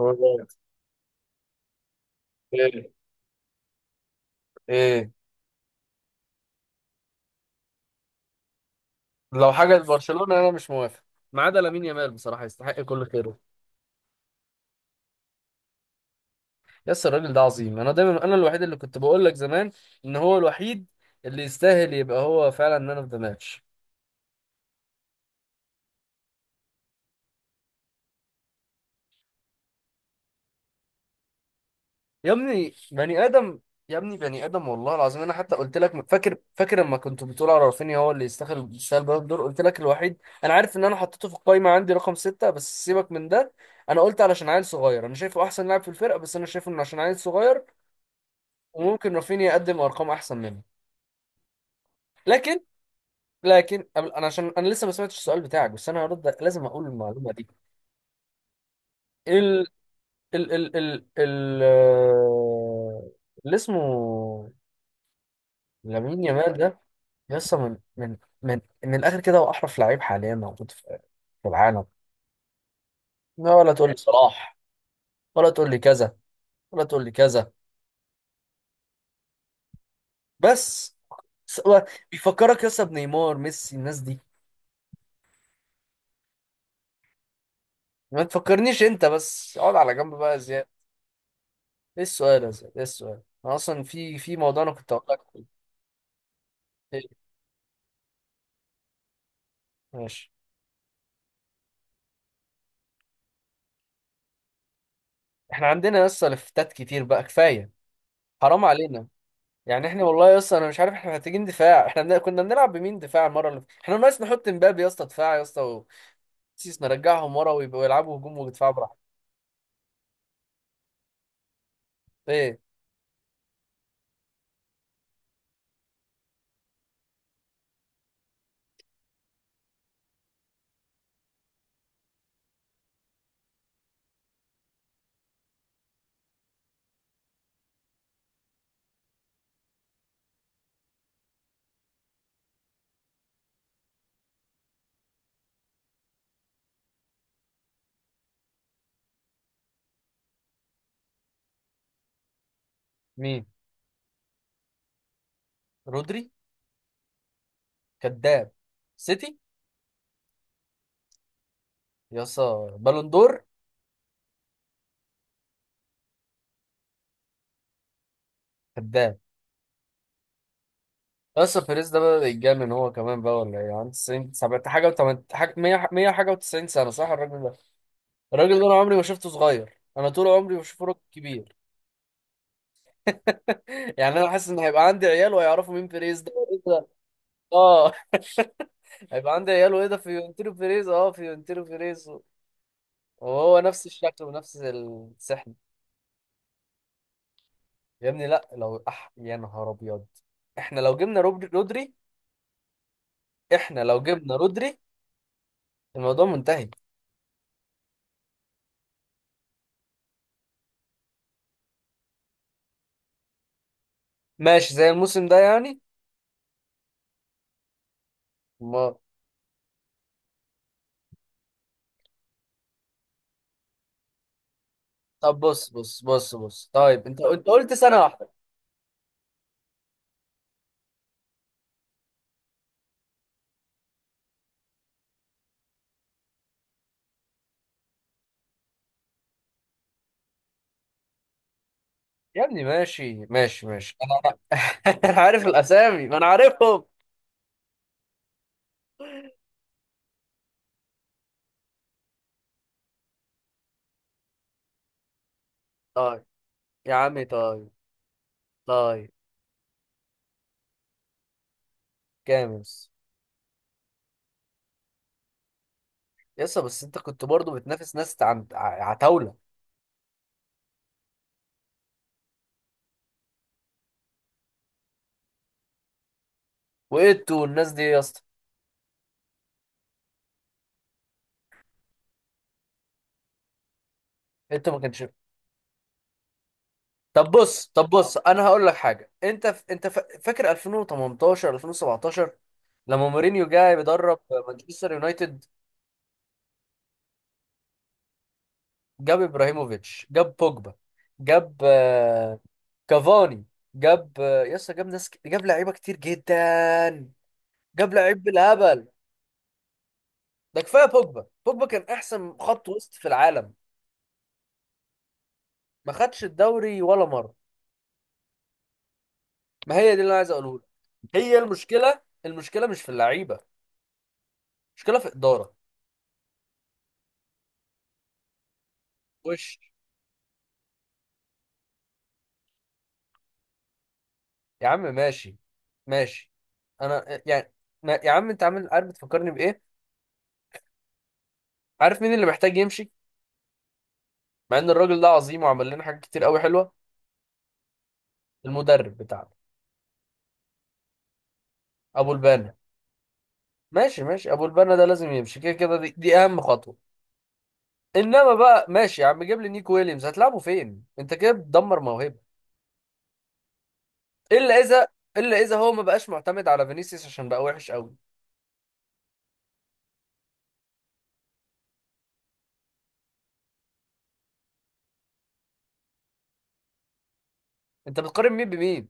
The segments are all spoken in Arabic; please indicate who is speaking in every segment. Speaker 1: هو جامد. ايه، ايه. لو حاجه لبرشلونه انا مش موافق، ما عدا لامين يامال. بصراحه يستحق كل خيره. يس، الراجل ده عظيم. انا دايما انا الوحيد اللي كنت بقول لك زمان ان هو الوحيد اللي يستاهل، يبقى هو فعلا مان اوف ذا ماتش. يا ابني بني ادم، يا ابني بني ادم والله العظيم. انا حتى قلت لك فاكر فاكر لما كنت بتقول على رافينيا هو اللي يستاهل يستاهل بالون دور، قلت لك الوحيد. انا عارف ان انا حطيته في القايمه عندي رقم ستة، بس سيبك من ده. انا قلت علشان عيل صغير، انا شايفه احسن لاعب في الفرقه، بس انا شايفه انه عشان عيل صغير وممكن رافينيا يقدم ارقام احسن منه. لكن لكن انا عشان انا لسه ما سمعتش السؤال بتاعك، بس انا هرد لازم اقول المعلومه دي. ال ال اللي اسمه لامين يامال ده لسه من الاخر كده هو احرف لعيب حاليا موجود في العالم. لا، ولا تقول لي صلاح، ولا تقول لي كذا، ولا تقول لي كذا. بس هو بيفكرك يا اسطى بنيمار ميسي الناس دي. ما تفكرنيش انت، بس اقعد على جنب بقى يا زياد. ايه السؤال يا زلمه، ايه السؤال، انا اصلا في موضوع انا كنت هقول لك فيه. إيه؟ ماشي. احنا عندنا لسه لفتات كتير بقى، كفايه، حرام علينا. يعني احنا والله يا اسطى انا مش عارف، احنا محتاجين دفاع. احنا كنا بنلعب بمين دفاع المره اللي فاتت؟ احنا ناقص نحط مبابي يا اسطى دفاع يا اسطى. وسيس نرجعهم ورا ويبقوا يلعبوا هجوم ودفاع براحتهم. ايه؟ مين؟ رودري؟ كذاب. سيتي. يا اسطى بالون دور. كذاب. يا اسطى بيريز ده بقى يتجنن هو كمان بقى، ولا ايه؟ عنده 90 70 حاجه و 8 حاجه 100 حاجه و90 سنه، صح الراجل ده؟ الراجل ده انا عمري ما شفته صغير، انا طول عمري بشوفه راجل كبير. يعني انا حاسس ان هيبقى عندي عيال وهيعرفوا مين بيريز ده ايه ده. اه. هيبقى عندي عيال وايه ده فيورنتينو بيريز، اه فيورنتينو بيريز، وهو نفس الشكل ونفس السحن. يا ابني لا، لو يا نهار ابيض. احنا لو جبنا رودري، احنا لو جبنا رودري الموضوع منتهي. ماشي زي الموسم ده يعني. ما... طب بص بص بص بص، طيب انت انت قلت سنة واحدة. يا ابني ماشي ماشي ماشي انا. أنا عارف الاسامي، ما انا عارفهم. طيب يا عمي طيب طيب. كامس. يسا، بس انت كنت برضو بتنافس ناس عتاولة. وانتوا والناس دي يا اسطى. انت ما كانش. طب بص طب بص انا هقول لك حاجه، انت فاكر 2018 2017 لما مورينيو جاي بيدرب مانشستر يونايتد؟ جاب ابراهيموفيتش، جاب بوجبا، جاب كافاني، جاب يسا جاب ناس جاب لعيبه كتير جدا، جاب لعيب بالهبل. ده كفايه بوجبا. بوجبا كان احسن خط وسط في العالم. ما خدش الدوري ولا مره. ما هي دي اللي انا عايز اقوله لك. هي المشكله، المشكله مش في اللعيبه، المشكله في اداره. وش. يا عم ماشي ماشي. انا يعني يا عم انت عامل عارف، بتفكرني بايه؟ عارف مين اللي محتاج يمشي مع ان الراجل ده عظيم وعمل لنا حاجات كتير قوي حلوه؟ المدرب بتاعنا، ابو البنا. ماشي ماشي، ابو البنا ده لازم يمشي كده كده، دي اهم خطوه. انما بقى ماشي يا عم جيب لي نيكو ويليامز هتلعبه فين؟ انت كده بتدمر موهبه، الا اذا، الا اذا هو ما بقاش معتمد على فينيسيوس عشان بقى وحش قوي. انت بتقارن مين بمين؟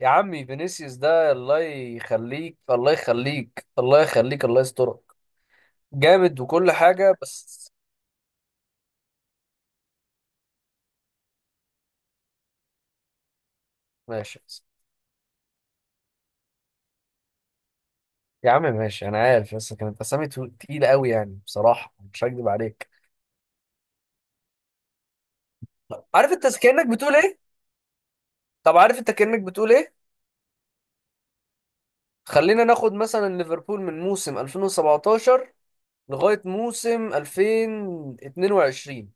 Speaker 1: يا عمي فينيسيوس ده الله يخليك الله يخليك الله يخليك الله يسترك، جامد وكل حاجه، بس. ماشي بس. يا عم ماشي انا عارف، بس كانت اسامي تقيله قوي يعني بصراحه مش هكدب عليك. عارف انت كانك بتقول ايه؟ طب عارف انت كأنك بتقول ايه؟ خلينا ناخد مثلا ليفربول من موسم 2017 لغاية موسم 2022،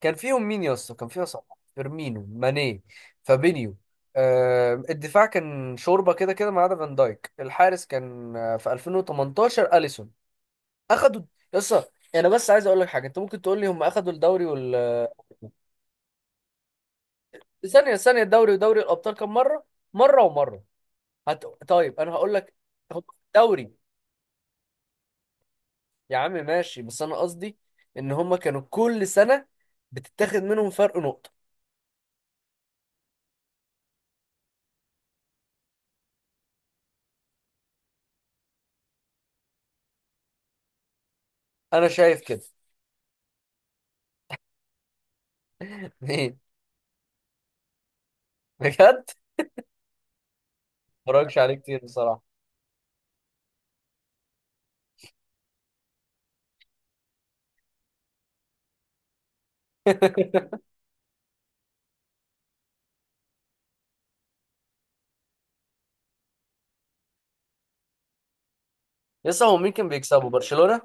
Speaker 1: كان فيهم مين يا اسطى؟ كان فيها صلاح، فيرمينو، ماني، فابينيو. آه، الدفاع كان شوربة كده كده ما عدا فان دايك. الحارس كان في 2018 أليسون. اخدوا. يا اسطى، انا بس عايز اقول لك حاجة، انت ممكن تقول لي هم اخدوا الدوري وال. ثانية ثانية، الدوري ودوري الابطال كم مرة؟ مرة ومرة. طيب انا هقول لك. هم الدوري. يا عم ماشي بس انا قصدي ان هما كانوا كل سنة بتتاخد منهم فرق نقطة. انا شايف كده. مين؟ بجد. مبرجش عليه كتير بصراحة. لسه هو مين كان بيكسبوا برشلونة؟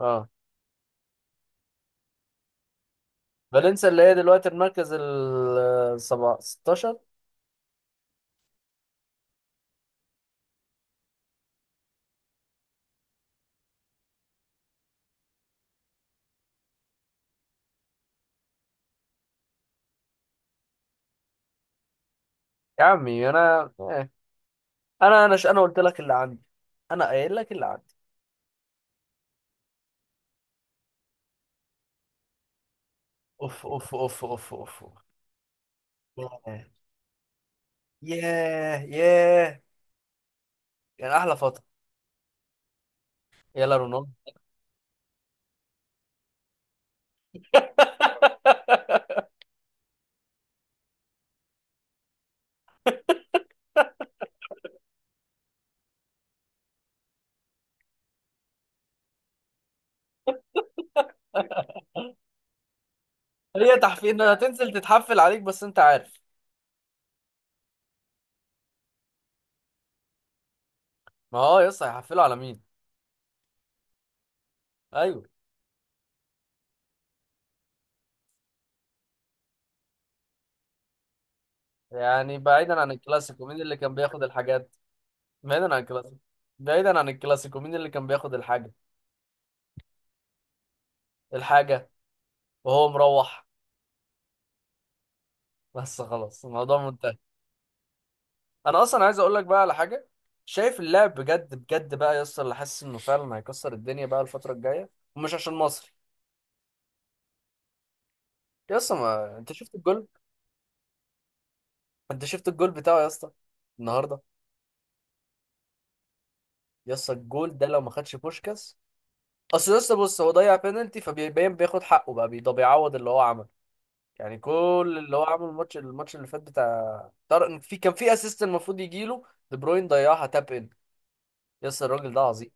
Speaker 1: اه. فالنسيا اللي هي دلوقتي المركز ال 16. يا عمي انا إيه. انا انا انا قلت لك اللي عندي. انا قايل لك اللي عندي. اوف اوف اوف اوف اوف أوف. ياه ياه ياه، يعني احلى فترة. يلا رونالدو. هي تحفيل، هتنزل تتحفل عليك، بس انت عارف. ما هو يس هيحفلوا على مين؟ ايوه. يعني بعيدا عن الكلاسيكو مين اللي كان بياخد الحاجات؟ بعيدا عن الكلاسيكو. بعيدا عن الكلاسيكو مين اللي كان بياخد الحاجه؟ الحاجه، وهو مروح. بس خلاص الموضوع منتهي. انا اصلا عايز اقول لك بقى على حاجه، شايف اللاعب بجد بجد بقى يس اللي حاسس انه فعلا هيكسر الدنيا بقى الفتره الجايه، ومش عشان مصر. يس ما انت شفت الجول؟ انت شفت الجول بتاعه يا اسطى النهارده؟ يس الجول ده لو ما خدش بوشكاس، اصل لسه. بص هو ضيع بينالتي فبيبين بياخد حقه بقى، ده بيعوض اللي هو عمله. يعني كل اللي هو عمله الماتش، اللي فات بتاع طارق، في كان في اسيست المفروض يجيله، دي بروين ضيعها تاب ان. يس الراجل ده عظيم.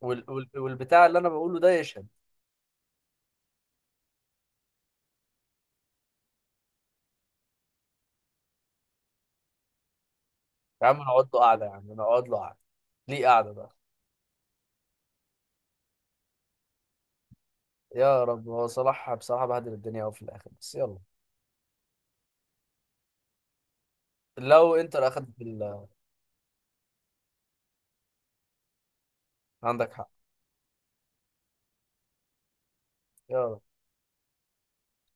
Speaker 1: والبتاع اللي انا بقوله ده يشهد. يا عم نقعد له قعده، يا عم نقعد له قعده. ليه قعده بقى؟ يا رب. هو صلاح بصراحه بهدل الدنيا قوي في الاخر، بس يلا. لو انتر اخدت عندك حق. يا